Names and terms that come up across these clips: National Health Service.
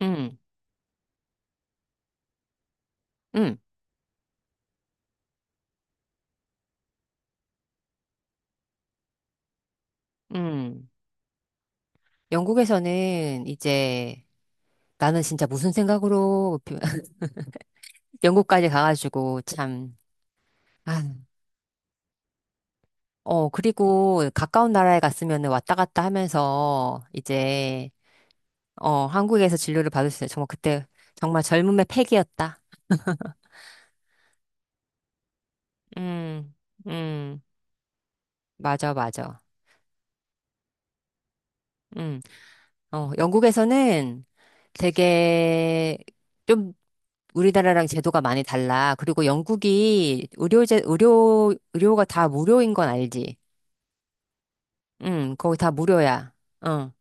응 응 응. 영국에서는 이제 나는 진짜 무슨 생각으로 영국까지 가가지고 참, 아, 어, 그리고 가까운 나라에 갔으면 왔다 갔다 하면서 이제, 어, 한국에서 진료를 받을 수 있어요. 정말 그때 정말 젊음의 패기였다. 음, 음, 맞아, 맞아. 음, 어, 영국에서는 되게 좀 우리나라랑 제도가 많이 달라. 그리고 영국이 의료가 다 무료인 건 알지? 응, 거기 다 무료야. 응,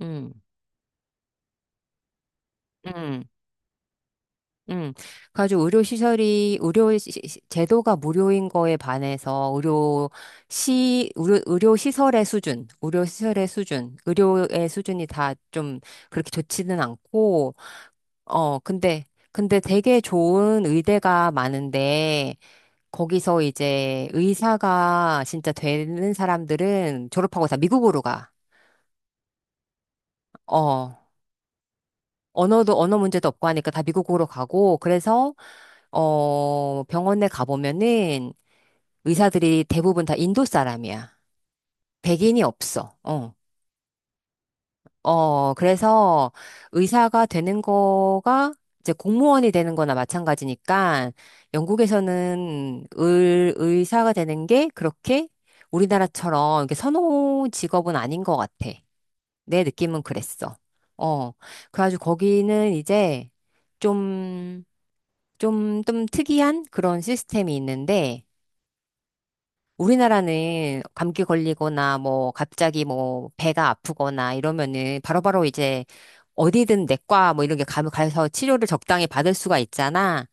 응, 응, 응. 그래가지고 의료시설이, 의료 시- 시- 제도가 무료인 거에 반해서 의료시설의 수준, 의료의 수준이 다 좀 그렇게 좋지는 않고, 어, 근데, 근데 되게 좋은 의대가 많은데, 거기서 이제 의사가 진짜 되는 사람들은 졸업하고 다 미국으로 가. 어. 언어 문제도 없고 하니까 다 미국으로 가고, 그래서, 어, 병원에 가보면은 의사들이 대부분 다 인도 사람이야. 백인이 없어. 어. 어, 그래서 의사가 되는 거가 이제 공무원이 되는 거나 마찬가지니까 영국에서는 의사가 되는 게 그렇게 우리나라처럼 이렇게 선호 직업은 아닌 것 같아. 내 느낌은 그랬어. 어, 그래가지고 거기는 이제 좀, 좀 특이한 그런 시스템이 있는데 우리나라는 감기 걸리거나 뭐 갑자기 뭐 배가 아프거나 이러면은 바로바로 이제 어디든 내과 뭐 이런 게 가서 치료를 적당히 받을 수가 있잖아.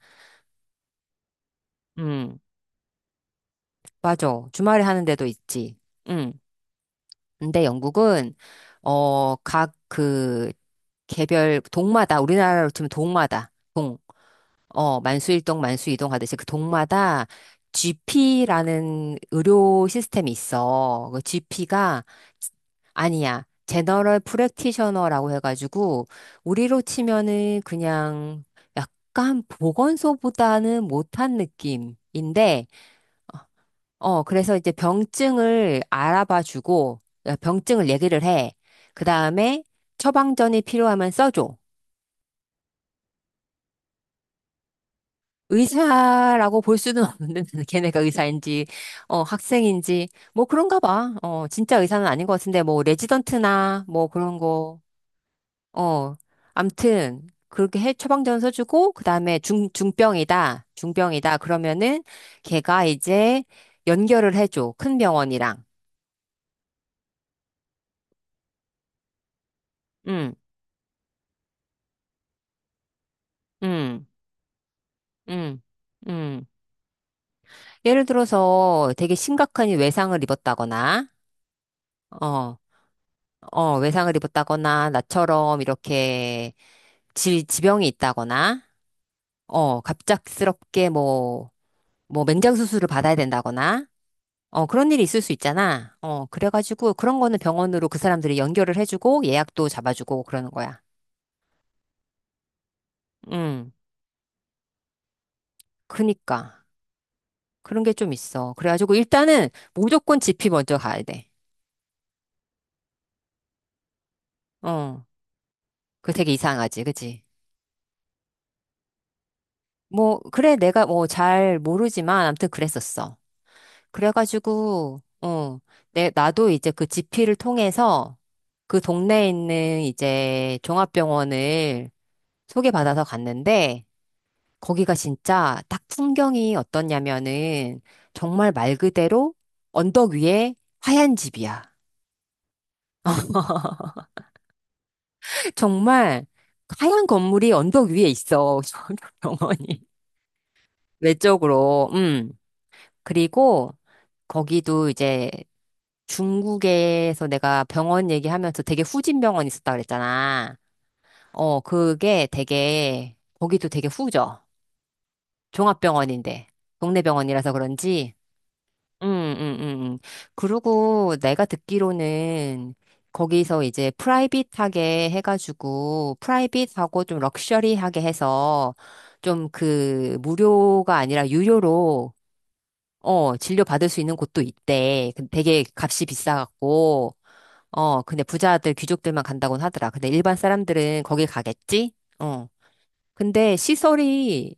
음, 맞아. 주말에 하는 데도 있지. 음. 근데 영국은 어, 각 그 개별 동마다 우리나라로 치면 동마다 동 어, 만수일동, 만수이동 하듯이 그 동마다 GP라는 의료 시스템이 있어. 그 GP가 아니야. 제너럴 프랙티셔너라고 해가지고 우리로 치면은 그냥 약간 보건소보다는 못한 느낌인데 어, 그래서 이제 병증을 알아봐 주고 병증을 얘기를 해. 그다음에 처방전이 필요하면 써줘. 의사라고 볼 수는 없는데 걔네가 의사인지 어 학생인지 뭐 그런가 봐. 어, 진짜 의사는 아닌 것 같은데 뭐 레지던트나 뭐 그런 거. 어, 암튼 그렇게 해 처방전 써주고 그다음에 중 중병이다 중병이다 그러면은 걔가 이제 연결을 해줘 큰 병원이랑. 음, 음, 음, 음. 예를 들어서 되게 심각한 외상을 입었다거나, 어, 어, 외상을 입었다거나, 나처럼 이렇게 병이 있다거나, 어, 갑작스럽게 뭐, 뭐 맹장 수술을 받아야 된다거나, 어, 그런 일이 있을 수 있잖아. 어, 그래가지고 그런 거는 병원으로 그 사람들이 연결을 해주고 예약도 잡아주고 그러는 거야. 음, 그니까. 그런 게 좀 있어. 그래가지고 일단은 무조건 지피 먼저 가야 돼. 어, 그 되게 이상하지, 그치? 뭐, 그래, 내가 뭐 잘 모르지만 아무튼 그랬었어. 그래가지고, 어, 나도 이제 그 지피를 통해서 그 동네에 있는 이제 종합병원을 소개받아서 갔는데, 거기가 진짜 딱 풍경이 어떻냐면은, 정말 말 그대로 언덕 위에 하얀 집이야. 정말 하얀 건물이 언덕 위에 있어. 병원이. 외적으로, 그리고 거기도 이제 중국에서 내가 병원 얘기하면서 되게 후진 병원 있었다 그랬잖아. 어, 그게 되게, 거기도 되게 후져. 종합병원인데. 동네 병원이라서 그런지. 응, 응, 응, 응. 그리고 내가 듣기로는 거기서 이제 프라이빗하게 해가지고, 프라이빗하고 좀 럭셔리하게 해서 좀 그 무료가 아니라 유료로 어, 진료 받을 수 있는 곳도 있대. 그 되게 값이 비싸갖고. 어, 근데 부자들, 귀족들만 간다곤 하더라. 근데 일반 사람들은 거길 가겠지? 어. 근데 시설이,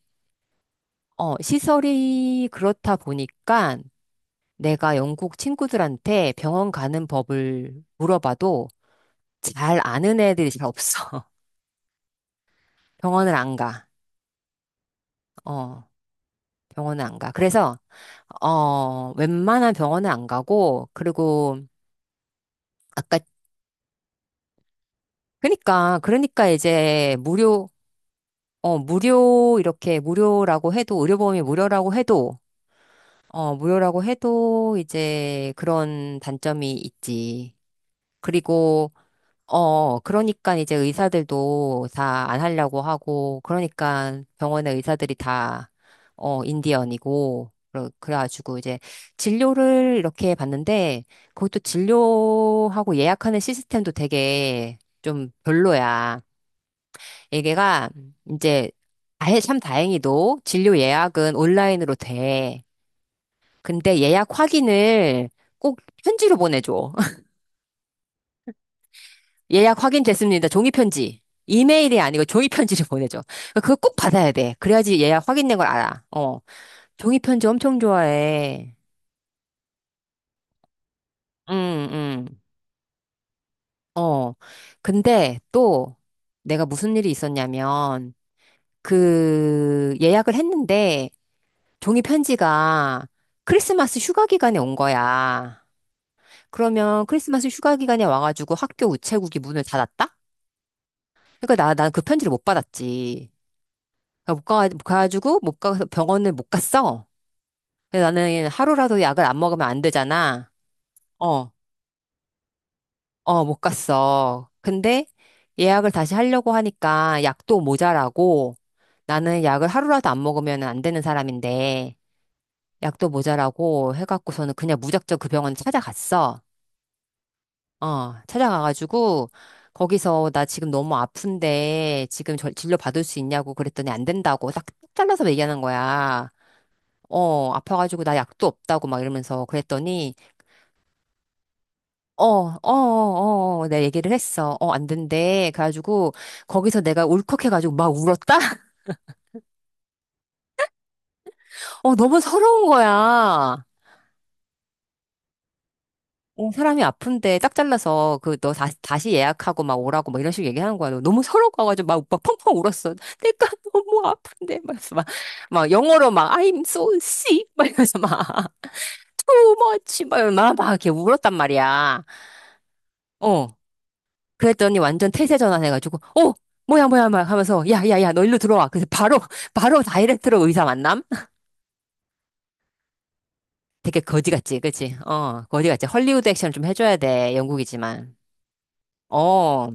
어, 시설이 그렇다 보니까 내가 영국 친구들한테 병원 가는 법을 물어봐도 잘 아는 애들이 잘 없어. 병원을 안 가. 어, 병원을 안 가. 그래서, 어, 웬만한 병원은 안 가고, 그리고 아까, 그러니까 이제 무료, 어, 무료, 이렇게 무료라고 해도, 의료보험이 무료라고 해도, 어, 무료라고 해도 이제 그런 단점이 있지. 그리고, 어, 그러니까 이제 의사들도 다 안 하려고 하고, 그러니까 병원의 의사들이 다, 어, 인디언이고, 그래가지고 이제 진료를 이렇게 봤는데, 그것도 진료하고 예약하는 시스템도 되게 좀 별로야. 얘가 이제, 아예 참 다행히도 진료 예약은 온라인으로 돼. 근데 예약 확인을 꼭 편지로 보내줘. 예약 확인됐습니다. 종이 편지. 이메일이 아니고 종이 편지를 보내줘. 그거 꼭 받아야 돼. 그래야지 예약 확인된 걸 알아. 어. 종이 편지 엄청 좋아해. 응, 응. 어. 근데 또 내가 무슨 일이 있었냐면 그 예약을 했는데 종이 편지가 크리스마스 휴가 기간에 온 거야. 그러면 크리스마스 휴가 기간에 와가지고 학교 우체국이 문을 닫았다? 그러니까 난 그 편지를 못 받았지. 그러니까 못 가서 병원을 못 갔어. 그래서 나는 하루라도 약을 안 먹으면 안 되잖아. 어, 어, 못 갔어. 근데 예약을 다시 하려고 하니까 약도 모자라고, 나는 약을 하루라도 안 먹으면 안 되는 사람인데, 약도 모자라고 해갖고서는 그냥 무작정 그 병원 찾아갔어. 어, 찾아가가지고, 거기서 나 지금 너무 아픈데, 지금 진료 받을 수 있냐고 그랬더니 안 된다고 딱 잘라서 얘기하는 거야. 어, 아파가지고 나 약도 없다고 막 이러면서 그랬더니, 어, 어, 어, 어, 어, 내 얘기를 했어. 어, 안 된대. 그래가지고, 거기서 내가 울컥해가지고 막 울었다? 어, 너무 서러운 거야. 어, 사람이 아픈데 딱 잘라서 그 너 다시 예약하고 막 오라고 막 이런 식으로 얘기하는 거야. 너 너무 서러워가지고 막, 오빠 펑펑 울었어. 내가 너무 아픈데 막 이러면서 막, 영어로 막 I'm so sick 막 이러면서 막 too much 막 이러면서 막, 이렇게 울었단 말이야. 어, 그랬더니 완전 태세 전환해가지고 어, 뭐야 뭐야 막 하면서 야야야 너 일로 들어와. 그래서 바로 바로 다이렉트로 의사 만남. 되게 거지 같지, 그치? 어, 거지 같지. 헐리우드 액션 좀 해줘야 돼 영국이지만. 어.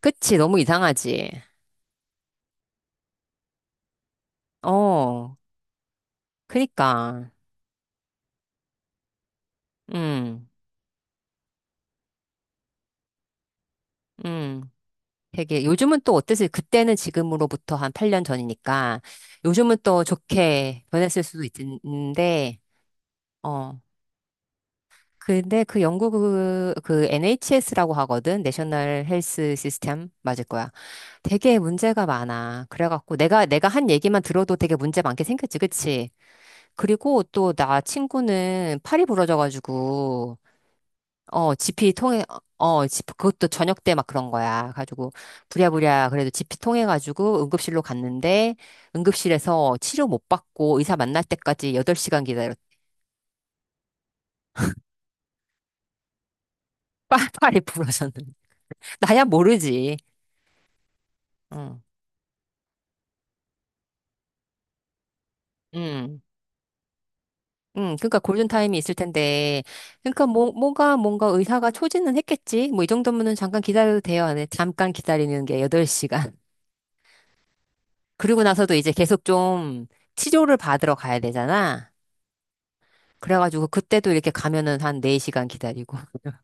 그치, 너무 이상하지. 어, 그니까. 음, 음. 되게, 요즘은 또 어땠을, 그때는 지금으로부터 한 8년 전이니까, 요즘은 또 좋게 변했을 수도 있는데, 어. 근데 그 영국 그 NHS라고 하거든? 내셔널 헬스 시스템? 맞을 거야. 되게 문제가 많아. 그래갖고 내가 한 얘기만 들어도 되게 문제 많게 생겼지, 그치? 그리고 또 나 친구는 팔이 부러져가지고, 어, 지피 통해, 어, 지 그것도 저녁 때 막 그런 거야. 가지고, 부랴부랴, 그래도 지피 통해가지고 응급실로 갔는데, 응급실에서 치료 못 받고 의사 만날 때까지 8시간 기다렸다. 팔이 부러졌는데. 나야 모르지. 응, 응, 응. 그러니까 골든타임이 있을 텐데. 그러니까 뭐, 뭔가 의사가 초진은 했겠지. 뭐, 이 정도면은 잠깐 기다려도 돼요. 근데 잠깐 기다리는 게 8시간. 그리고 나서도 이제 계속 좀 치료를 받으러 가야 되잖아. 그래가지고 그때도 이렇게 가면은 한 4시간 기다리고.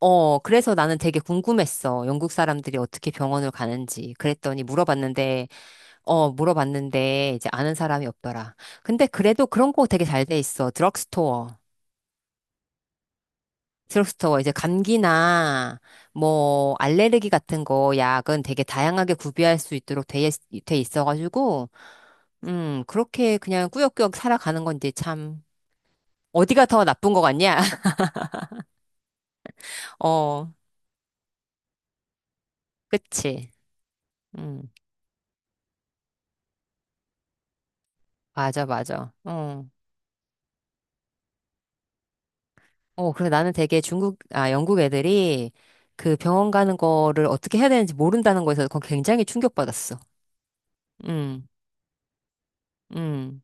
어, 그래서 나는 되게 궁금했어. 영국 사람들이 어떻게 병원을 가는지. 그랬더니 물어봤는데, 이제 아는 사람이 없더라. 근데 그래도 그런 거 되게 잘 돼 있어. 드럭스토어. 드럭스토어 이제 감기나 뭐 알레르기 같은 거 약은 되게 다양하게 구비할 수 있도록 돼 있어가지고, 그렇게 그냥 꾸역꾸역 살아가는 건지 참 어디가 더 나쁜 거 같냐? 어, 그치. 음. 맞아, 맞아. 어. 어, 그래서 나는 되게 중국, 아, 영국 애들이 그 병원 가는 거를 어떻게 해야 되는지 모른다는 거에서 그건 굉장히 충격받았어. 음, 음.